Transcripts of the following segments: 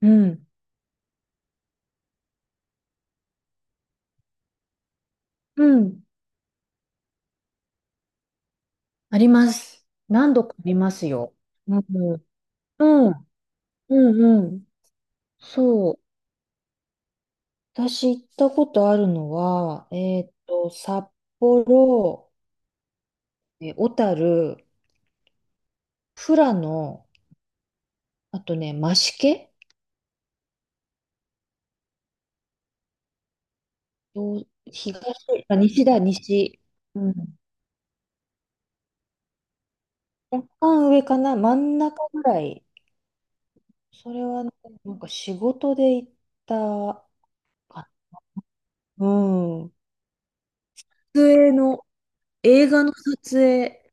うん。うん。あります。何度かありますよ。うん。うん。うんうん。そう。私行ったことあるのは、札幌、小樽、富良野、あとね、増毛どう東、あ、西だ、西。うん。若干上かな、真ん中ぐらい。それはね、仕事で行ったかな。うん。撮影の、映画の撮影。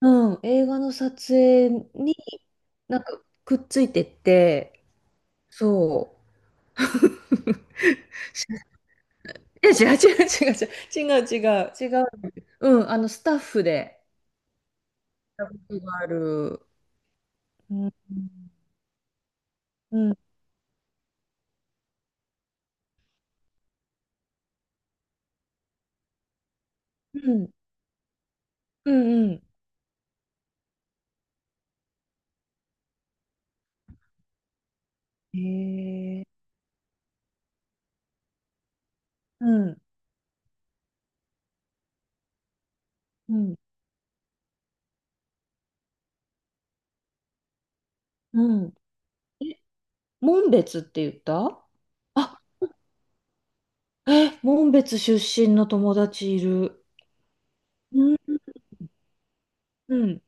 うん、映画の撮影にくっついてって、そう。え、違う違う違う違う違う違う違う。うん、あのスタッフでやったことがある。うん、うん、うん、うん。うん。へえ、うん、うん、うん。え、紋別って言ったあ、え、紋別出身の友達いる。うん、うん、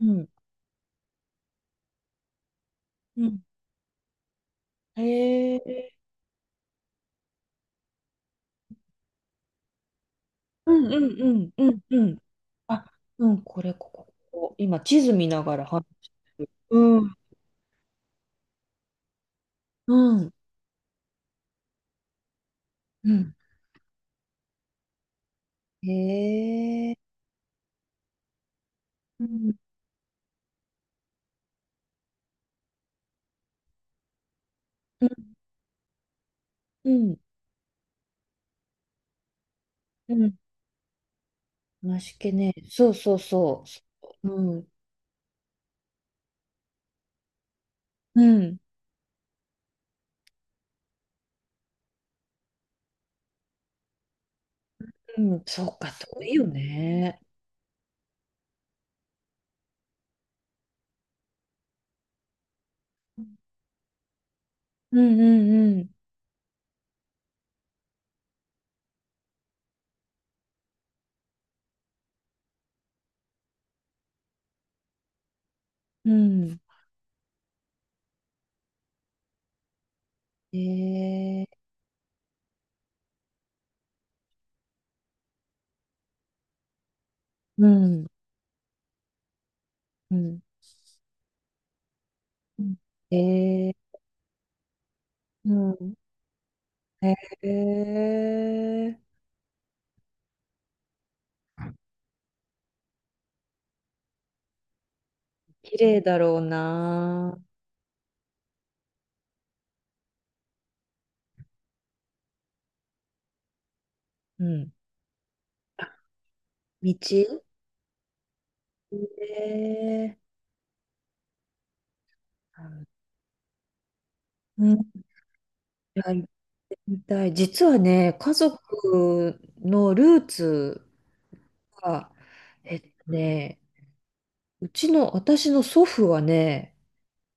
うん、うん。へえ、うんうんうんうんうん。あ、うん、ここ。今、地図見ながら話して。うん、うん、うん。へえ。うん、うん、うん、うん。梨系ね。そうそうそう。そう、うん、うん、うん。そうか、遠いよね。うん、うん、うん、うん。へえ。うん、うん。うん。へえ。うん。へえ。綺麗だろうな。うん。あ、道え。ううん、はい、見たい。実はね、家族のルーツが、えっとね、うちの、私の祖父はね、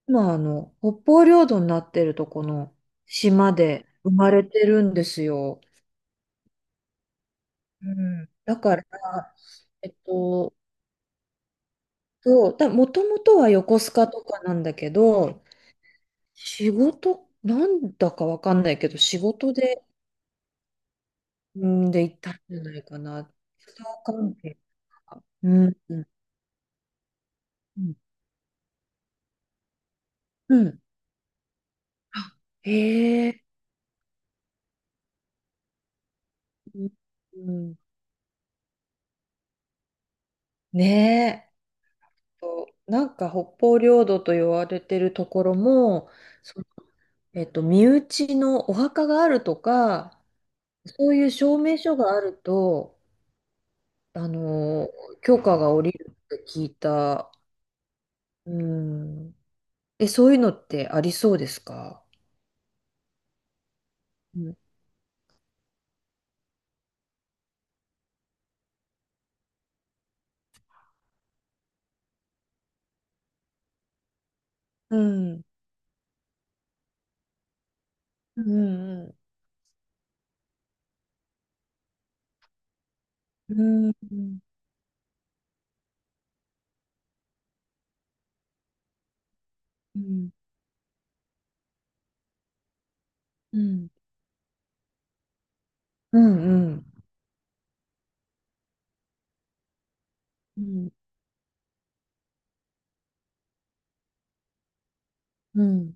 今、あの、北方領土になってるとこの島で生まれてるんですよ。うんだから、えっと、そうだ、もともとは横須賀とかなんだけど、仕事、なんだかわかんないけど、仕事で、うん、で、行ったんじゃないかな。相関係とか。うん、うん、うん。うん。あ、へえ。うんうん。ねえ。となんか北方領土と言われてるところも、その、身内のお墓があるとか、そういう証明書があると、あの、許可が下りるって聞いた。うん。え、そういうのってありそうですか？うん。うん。うん。うん。うん。うん。うん。うんうん。うん。うん。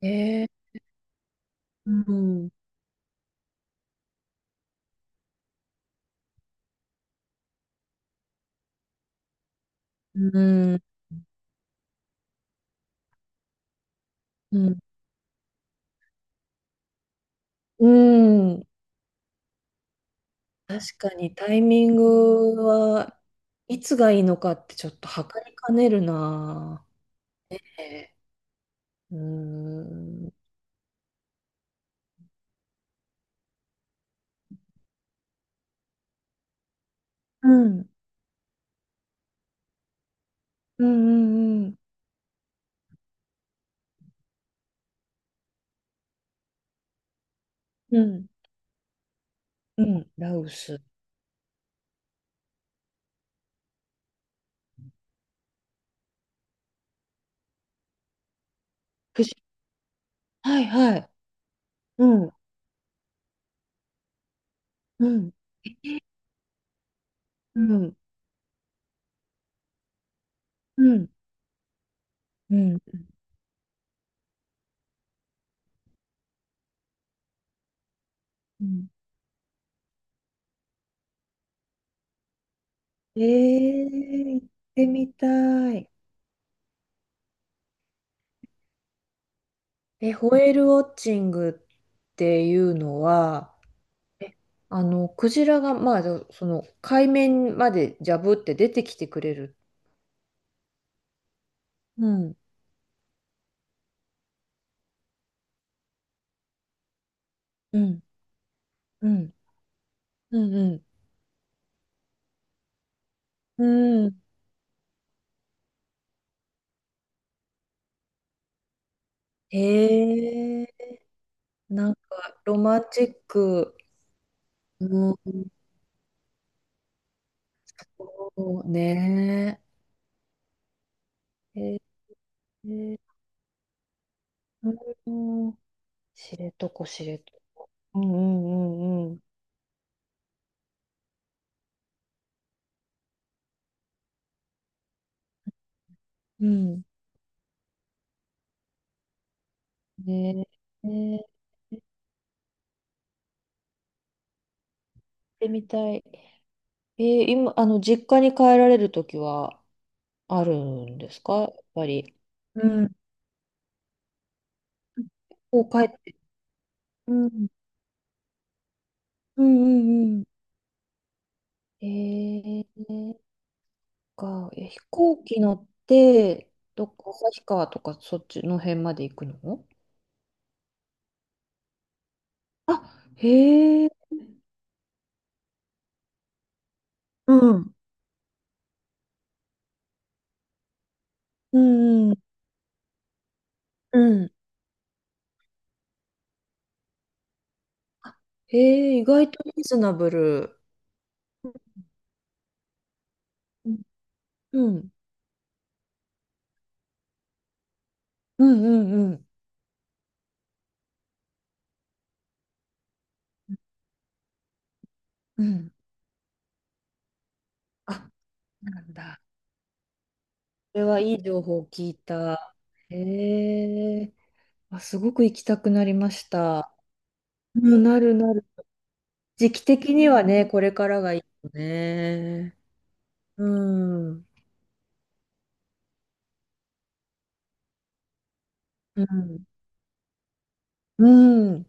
えー、うん。うん。うん。うん。確かにタイミングはいつがいいのかってちょっと測りかねるな。えー、うーん。うん。うん。うんうん。うん。うん。ラウス。くじ。はいはい。うん。うん。うん。うん。うん。うん。えー、行ってみたい。え、ホエールウォッチングっていうのは、え、あの、クジラが、まあ、そその、海面までジャブって出てきてくれる。うん、うん、うん、うん、うん。うん。へえ、なんか、ロマンチック。うん。そうね。へえ、うん、知知床。うん、うん、うん、うん。うん。ねえ、ねえー行ってみたい。えー今、あの、実家に帰られるときはあるんですか、やっぱり。うん。こう帰って、うん。うんうんうん。えー、か、え、飛行機乗って、どっか旭川とかそっちの辺まで行くの？あ、へえ、うん。うんうん、うん。あ、へえ、意外とリーズナブル。うん、うん、うん、うん。うん、うん。あ、なんだ。それはいい情報を聞いた。へえ。あ、すごく行きたくなりました。うん、なるなる。時期的にはね、これからがいいよね。うん。うん。うん。